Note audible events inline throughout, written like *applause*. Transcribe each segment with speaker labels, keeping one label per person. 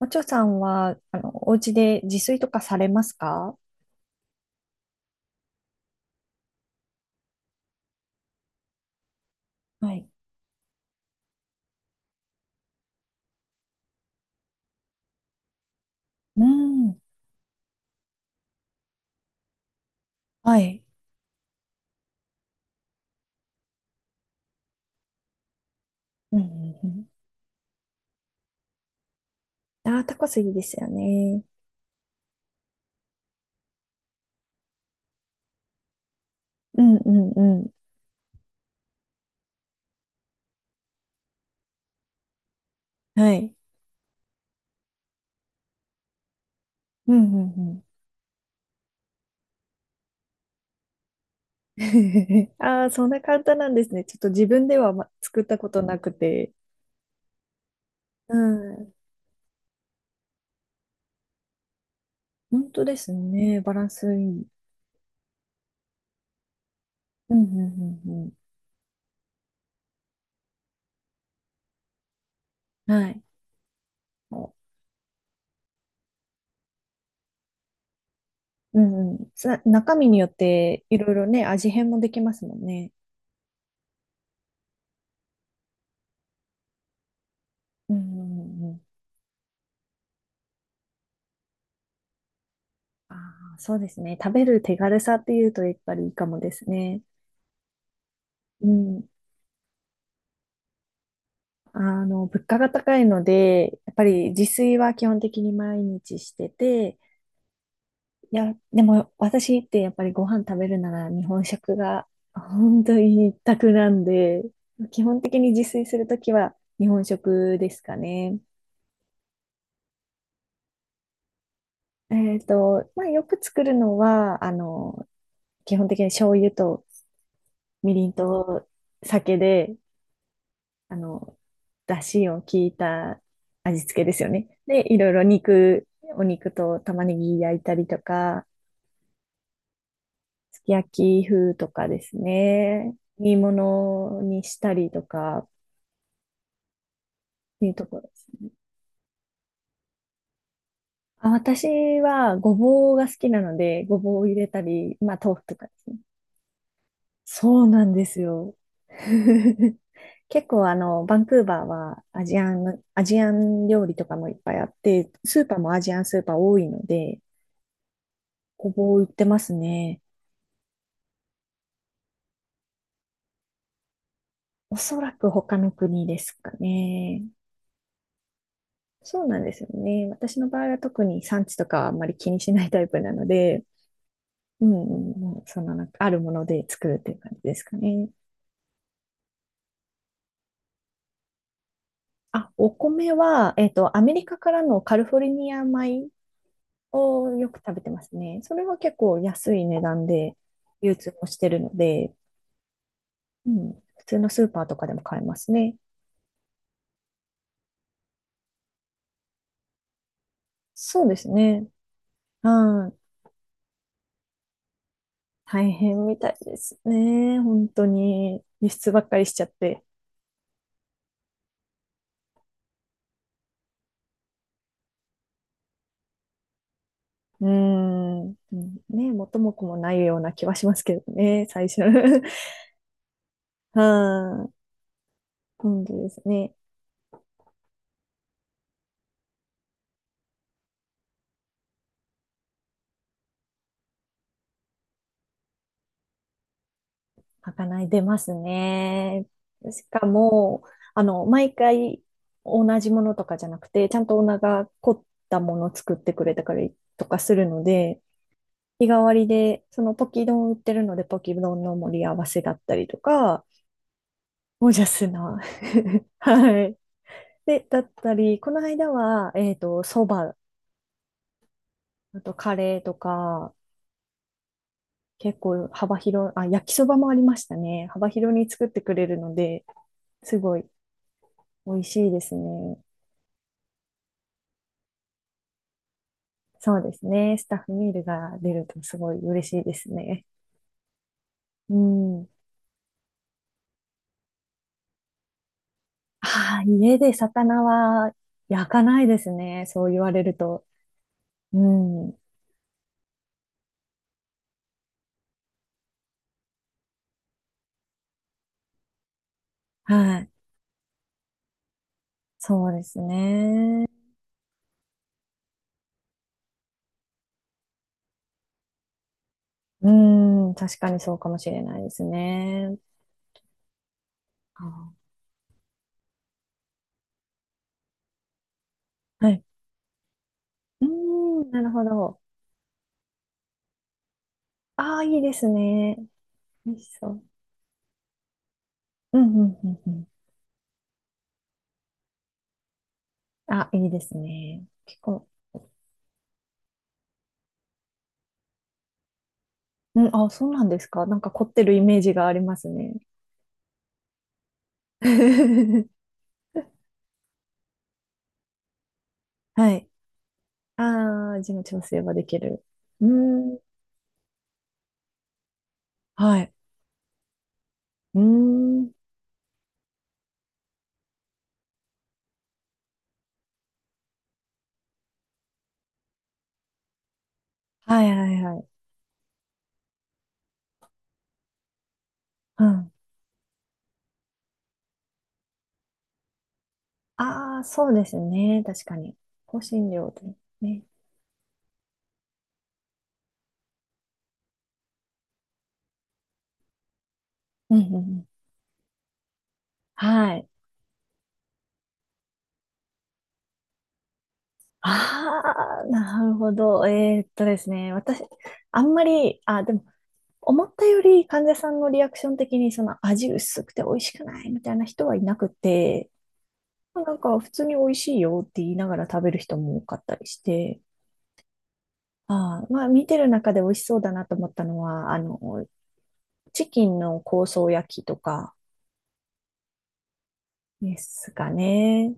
Speaker 1: おちょさんは、お家で自炊とかされますか？はい。うん。はい。うん、うん、うん。ああ、タコスいいですよね。うんうんうん。はい。うん。うん、うん、*laughs* ああ、そんな簡単なんですね。ちょっと自分では、作ったことなくて。うん。本当ですね。バランスいい。うん。うん、うん、うん。はい。おうんうん。中身によっていろいろね、味変もできますもんね。うん、うん、うん。ああ、そうですね。食べる手軽さっていうとやっぱりいいかもですね。うん。物価が高いので、やっぱり自炊は基本的に毎日してて、いや、でも私ってやっぱりご飯食べるなら日本食が本当に一択なんで、基本的に自炊するときは日本食ですかね。まあ、よく作るのは、基本的に醤油とみりんと酒で、あの、出汁を効いた味付けですよね。で、いろいろお肉と玉ねぎ焼いたりとか、すき焼き風とかですね。煮物にしたりとかっていうところですね。あ、私はごぼうが好きなので、ごぼうを入れたり、まあ豆腐とかですね。そうなんですよ。*laughs* 結構バンクーバーはアジアン料理とかもいっぱいあって、スーパーもアジアンスーパー多いので、ごぼう売ってますね。おそらく他の国ですかね。そうなんですよね。私の場合は特に産地とかはあんまり気にしないタイプなので、うんうんうん、そのなんかあるもので作るっていう感じですかね。あ、お米は、アメリカからのカリフォルニア米をよく食べてますね。それは結構安い値段で流通もしてるので、うん、普通のスーパーとかでも買えますね。そうですね。はい。大変みたいですね。本当に輸出ばっかりしちゃって。うーん。うんね、元も子もないような気はしますけどね、最初。*laughs* うん。本当ですね。まかない出ますね。しかも、毎回同じものとかじゃなくて、ちゃんとオーナーが凝ったものを作ってくれたりとかするので、日替わりで、そのポキ丼売ってるので、ポキ丼の盛り合わせだったりとか、ゴージャスな *laughs* はい。で、だったり、この間は、そば、あとカレーとか、結構幅広い、あ、焼きそばもありましたね。幅広に作ってくれるので、すごい美味しいですね。そうですね。スタッフミールが出るとすごい嬉しいですね。うん。ああ、家で魚は焼かないですね。そう言われると。うん。はい。そうですね。うん。確かにそうかもしれないですね。あー。はい。うーん、なるほど。ああ、いいですね。美味しそう。うん、うん、うん、うん。あ、いいですね。結構、うん、あ、そうなんですか。なんか凝ってるイメージがありますね。*laughs* はい。ああ、味の調整はできる。うーん、はい。うーん、はい、はい、はい。うん。ああ、そうですね。確かに。香辛料でね。うん、うん、うん。はい。ああ、なるほど。ですね。私、あんまり、あ、でも、思ったより患者さんのリアクション的にその味薄くて美味しくないみたいな人はいなくて、まあなんか普通に美味しいよって言いながら食べる人も多かったりして、ああ、まあ見てる中で美味しそうだなと思ったのは、チキンの香草焼きとかですかね。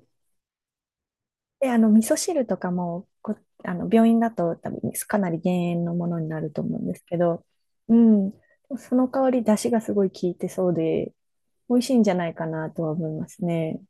Speaker 1: で、味噌汁とかも、病院だと多分かなり減塩のものになると思うんですけど、うん、その代わり出汁がすごい効いてそうで、美味しいんじゃないかなとは思いますね。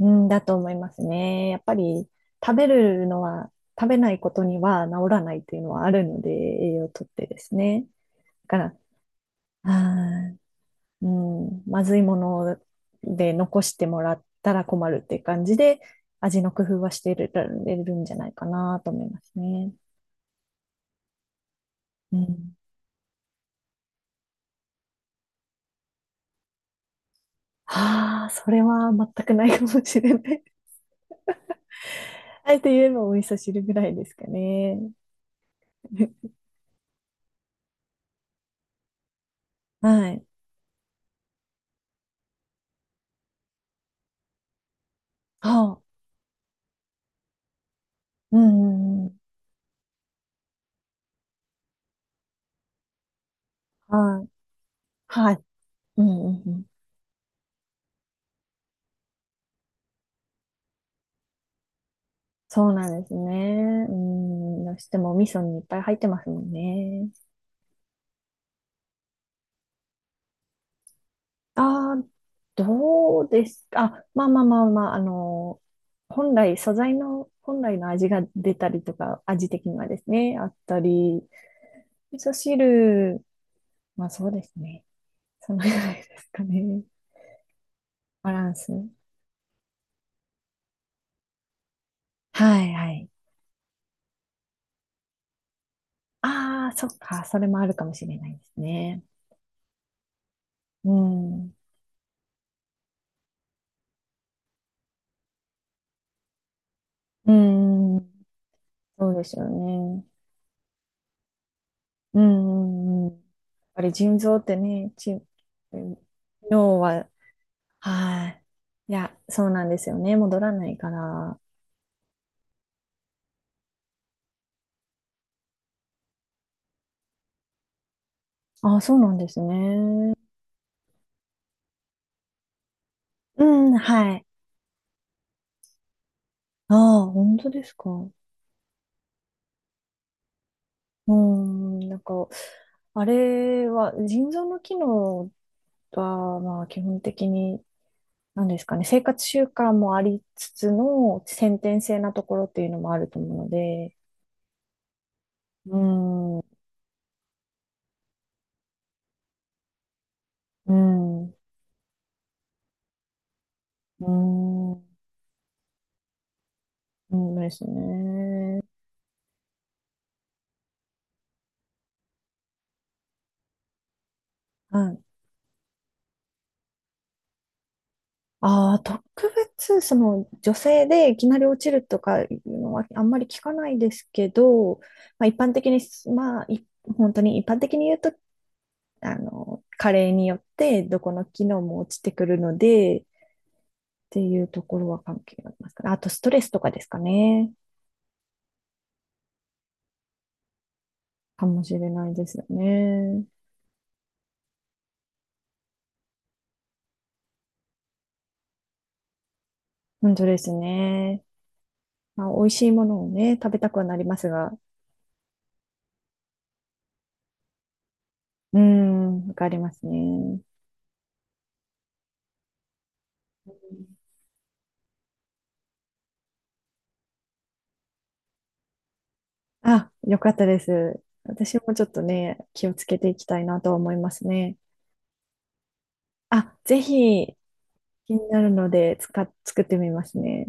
Speaker 1: うん、だと思いますね。やっぱり食べるのは、食べないことには治らないっていうのはあるので、栄養をとってですね。だから、あー、うん、まずいもので残してもらったら困るっていう感じで、味の工夫はしてる、れるんじゃないかなと思いますね。うん。ああ、それは全くないかもしれない。*laughs* あえて言えばお味噌汁ぐらいですかね。*laughs* はい。はあ、うん、うんうん、はい。はい。うん、うん、うん。そうなんですね。うん、どうしてもお味噌にいっぱい入ってますもんね。ああ、どうですか。あ、まあまあまあまあ、本来、素材の、本来の味が出たりとか、味的にはですね、あったり、味噌汁、まあそうですね。そのぐらいですかね。バランス。はいはい。ああ、そっか。それもあるかもしれないですね。うん。うん。そうですよね。うんうんうん。やっぱり腎臓ってね、脳は、はい。いや、そうなんですよね。戻らないから。あ、そうなんですね。うん、はい。ああ、本当ですか。うん、なんか、あれは、腎臓の機能は、まあ、基本的に、なんですかね、生活習慣もありつつの、先天性なところっていうのもあると思うので、うん、うん、うん。そうんですね。はい。ああ、特別、女性でいきなり落ちるとかいうのはあんまり聞かないですけど、まあ、一般的に、まあ、本当に一般的に言うと、加齢によってどこの機能も落ちてくるので、っていうところは関係ありますから、あとストレスとかですかね。かもしれないですよね。本当ですね。まあ、美味しいものをね、食べたくはなりますが、うーん、わかりますね。あ、よかったです。私もちょっとね、気をつけていきたいなと思いますね。あ、ぜひ気になるので作ってみますね。